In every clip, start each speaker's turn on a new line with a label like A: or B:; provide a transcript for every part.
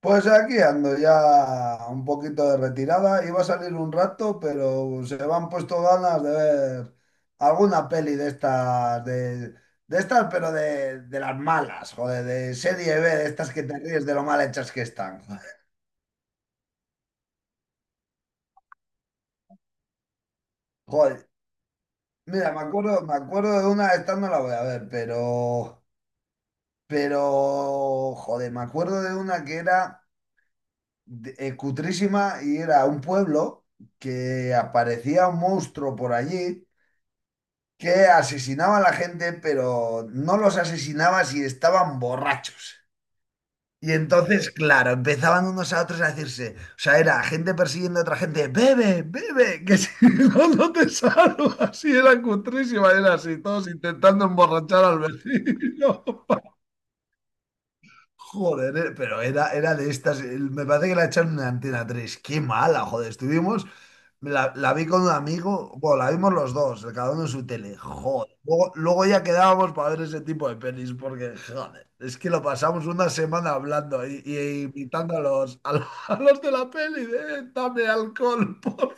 A: Pues aquí ando ya un poquito de retirada. Iba a salir un rato, pero se me han puesto ganas de ver alguna peli de estas, de estas, pero de las malas, joder, de serie B, de estas que te ríes de lo mal hechas que están. Joder, mira, me acuerdo de una, esta no la voy a ver, pero, joder, me acuerdo de una que era cutrísima y era un pueblo que aparecía un monstruo por allí que asesinaba a la gente, pero no los asesinaba si estaban borrachos. Y entonces, claro, empezaban unos a otros a decirse, o sea, era gente persiguiendo a otra gente, bebe, bebe, que si no, no te salvo. Así era cutrísima, era así, todos intentando emborrachar al vecino. Joder, pero era de estas, me parece que la echaron en Antena tres, qué mala, joder, estuvimos la vi con un amigo, bueno, la vimos los dos, cada uno en su tele. Joder. Luego ya quedábamos para ver ese tipo de pelis, porque, joder, es que lo pasamos una semana hablando y invitando a los, a los de la peli, de, dame alcohol, por favor.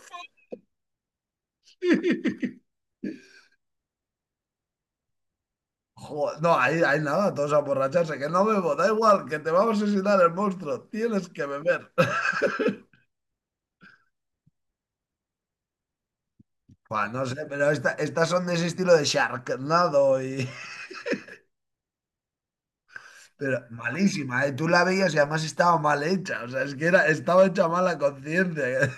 A: Joder, no, ahí, ahí nada, todos a borracharse, que no bebo, da igual, que te va a asesinar el monstruo, tienes que beber. Buah, no sé, pero estas son de ese estilo de Sharknado y, pero malísima, ¿eh? Tú la veías y además estaba mal hecha. O sea, estaba hecha mal la conciencia.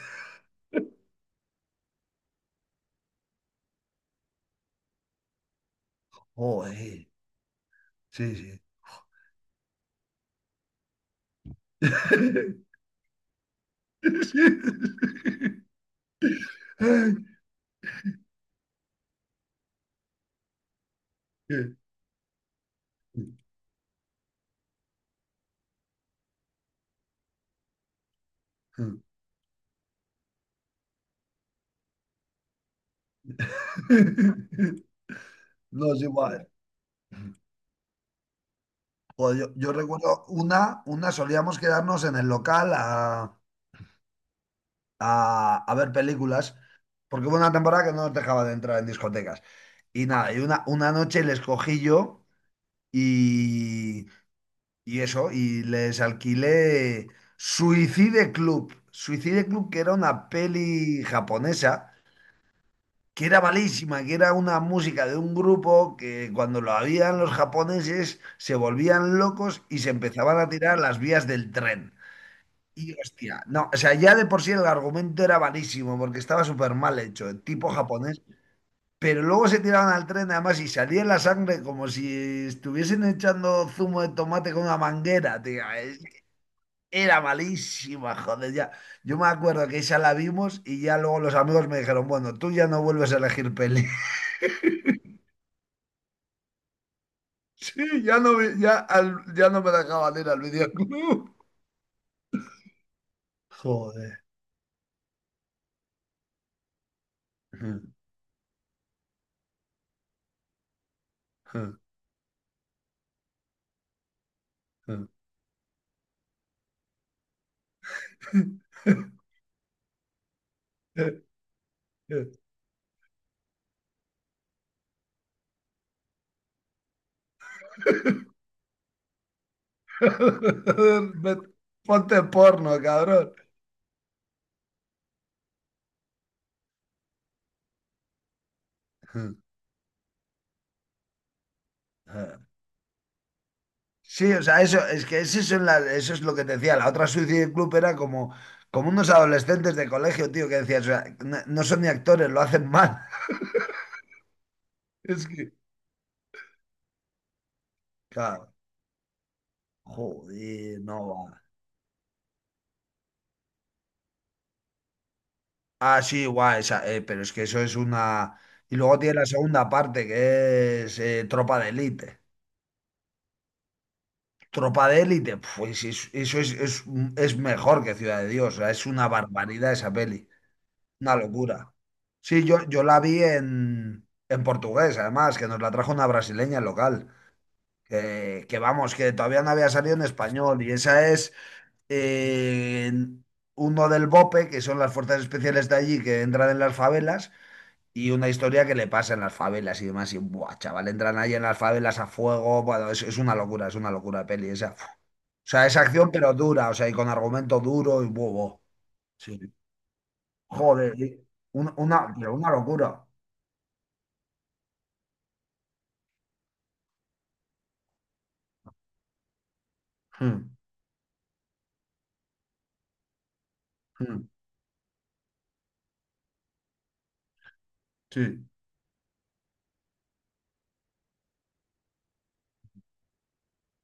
A: Joder. Sí, sí. Sí. No, es igual. Joder, yo recuerdo una solíamos quedarnos en el local a, a ver películas, porque hubo una temporada que no nos dejaba de entrar en discotecas. Y nada, y una noche les cogí yo y, Y eso, y les alquilé Suicide Club. Suicide Club, que era una peli japonesa, que era malísima, que era una música de un grupo que cuando lo habían los japoneses se volvían locos y se empezaban a tirar a las vías del tren. Y hostia, no, o sea, ya de por sí el argumento era malísimo porque estaba súper mal hecho, el tipo japonés. Pero luego se tiraban al tren además y salía la sangre como si estuviesen echando zumo de tomate con una manguera, tío. Era malísima, joder, ya. Yo me acuerdo que esa la vimos y ya luego los amigos me dijeron, bueno, tú ya no vuelves a elegir peli. Sí, ya no, ya no me dejaban ir al videoclub. Joder. Ve- Ponte porno, cabrón. Sí, o sea, eso es que eso es lo que te decía. La otra Suicide Club era como, como unos adolescentes de colegio, tío, que decías, o sea, no, no son ni actores, lo hacen mal. Es que, claro, joder, no va. Ah, sí, guay, esa, pero es que eso es una... Y luego tiene la segunda parte, que es Tropa de Élite. Tropa de Élite, pues eso es mejor que Ciudad de Dios, o sea, es una barbaridad esa peli, una locura. Sí, yo la vi en portugués, además, que nos la trajo una brasileña local, que vamos, que todavía no había salido en español, y esa es... eh, uno del BOPE, que son las fuerzas especiales de allí que entran en las favelas, y una historia que le pasa en las favelas y demás. Y, buah, chaval, entran ahí en las favelas a fuego. Bueno, es una locura de peli esa. Uf. O sea, es acción pero dura, o sea, y con argumento duro y bobo. Sí. Joder, y una, pero una locura. Mm, mm, Sí.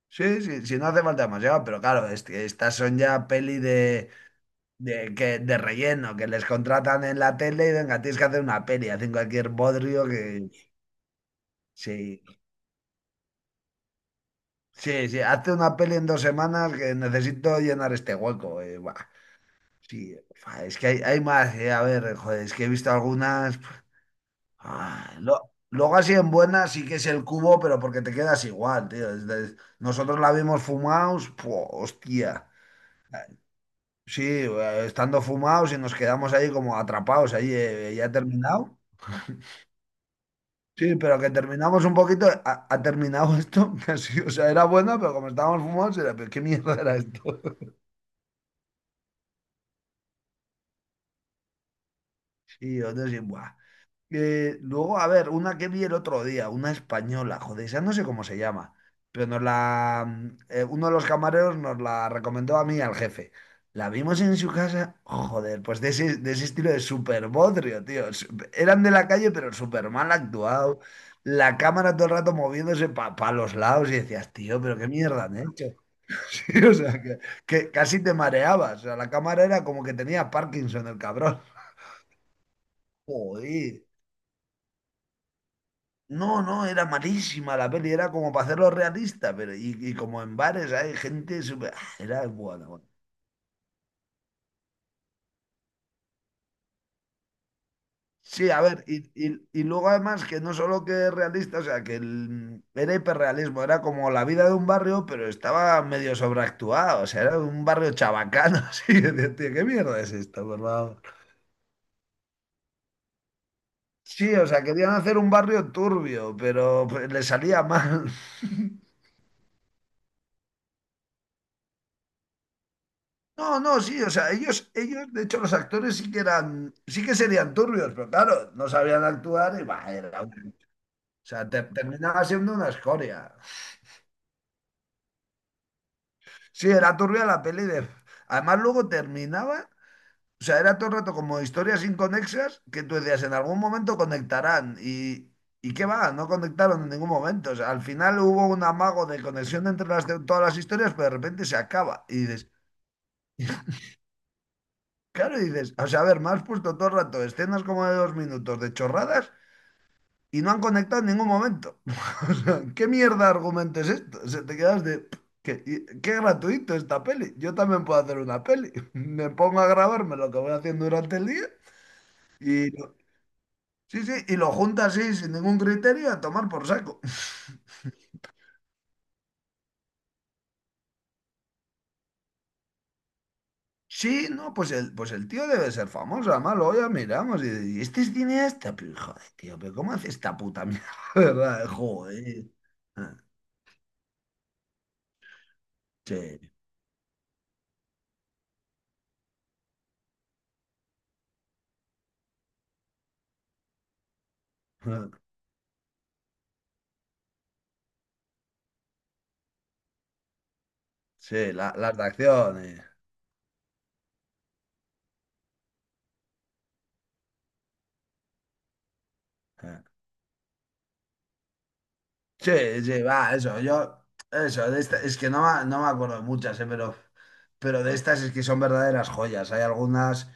A: Sí, sí, sí, no hace falta demasiado, pero claro, estas son ya peli de, que, de relleno, que les contratan en la tele y venga, tienes que hacer una peli, hacen cualquier bodrio que... Sí, sí, sí, hace una peli en dos semanas que necesito llenar este hueco. Buah, sí, fa, es que hay más, a ver, joder, es que he visto algunas... pf, ah, luego así en buenas sí que es el cubo, pero porque te quedas igual, tío. Nosotros la vimos fumados, puh, hostia. Sí, estando fumados y nos quedamos ahí como atrapados, ahí ya he terminado. Sí, pero que terminamos un poquito, ha, ha terminado esto, que sí, o sea, era bueno, pero como estábamos fumados, era, pero ¿qué mierda era esto? Y yo, entonces, buah. Luego, a ver, una que vi el otro día, una española, joder, esa no sé cómo se llama, pero uno de los camareros nos la recomendó a mí y al jefe. La vimos en su casa, joder, pues de de ese estilo de super bodrio, tío. Eran de la calle, pero super mal actuado. La cámara todo el rato moviéndose para los lados y decías, tío, pero qué mierda, ¿eh? Sí, o sea, que casi te mareabas. O sea, la cámara era como que tenía Parkinson el cabrón. Joder. No, no, era malísima la peli, era como para hacerlo realista, pero y como en bares hay gente súper... ah, era bueno, bueno. Sí, a ver, y luego además que no solo que es realista, o sea, que era hiperrealismo, era como la vida de un barrio, pero estaba medio sobreactuado, o sea, era un barrio chabacano, así, que decía, ¿qué mierda es esto, por favor? Sí, o sea, querían hacer un barrio turbio, pero pues, le salía mal. No, no, sí, o sea, ellos, de hecho, los actores sí que eran, sí que serían turbios, pero claro, no sabían actuar y bah, o sea, terminaba siendo una escoria. Sí, era turbia la peli de... Además, luego terminaba, o sea, era todo el rato como historias inconexas que tú decías, en algún momento conectarán y... ¿Y qué va? No conectaron en ningún momento. O sea, al final hubo un amago de conexión entre todas las historias, pero de repente se acaba. Y dices, claro, y dices, o sea, a ver, me has puesto todo el rato escenas como de dos minutos de chorradas y no han conectado en ningún momento. O sea, ¿qué mierda de argumento es esto? O sea, te quedas de, "Pff, qué, qué gratuito esta peli. Yo también puedo hacer una peli. Me pongo a grabarme lo que voy haciendo durante el día y sí, sí, y lo junto así sin ningún criterio a tomar por saco. Sí, no, pues el tío debe ser famoso, además luego ya miramos y este es cineasta, pero joder, tío, pero ¿cómo hace esta puta mierda? ¿Verdad? Joder. Ah. Sí, sí, las de acciones. Sí, sí, va, de es que no, no me acuerdo de muchas, pero de estas es que son verdaderas joyas. Hay algunas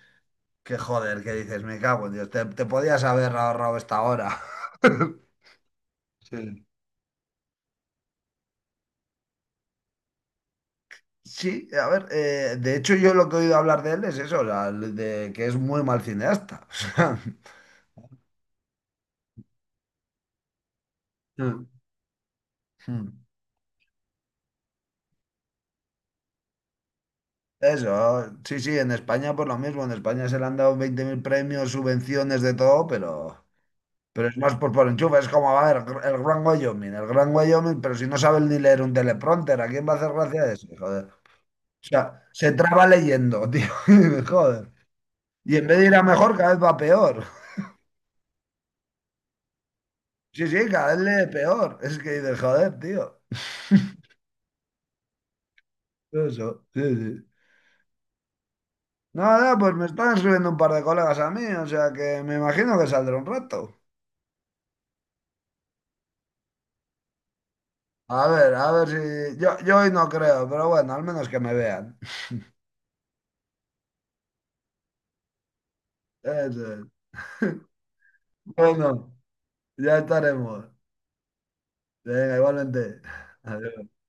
A: que, joder, que dices, me cago en Dios, te podías haber ahorrado esta hora. Sí. Sí, a ver, de hecho yo lo que he oído hablar de él es eso, o sea, de que es muy mal cineasta. O sea, mm. Eso, sí, sí, en España por lo mismo, en España se le han dado 20.000 premios, subvenciones de todo, pero es más por enchufe, es como, a ver, el Gran Wyoming, pero si no saben ni leer un teleprompter, ¿a quién va a hacer gracia eso? Joder. O sea, se traba leyendo, tío, joder. Y en vez de ir a mejor, cada vez va peor. Sí, sí, cada vez lee peor. Es que dices, joder, tío. Eso, sí, sí. Nada, pues me están escribiendo un par de colegas a mí, o sea que me imagino que saldrá un rato. A ver si. Yo hoy no creo, pero bueno, al menos que me vean. Eso es. Bueno, ya estaremos. Venga, igualmente. Adiós.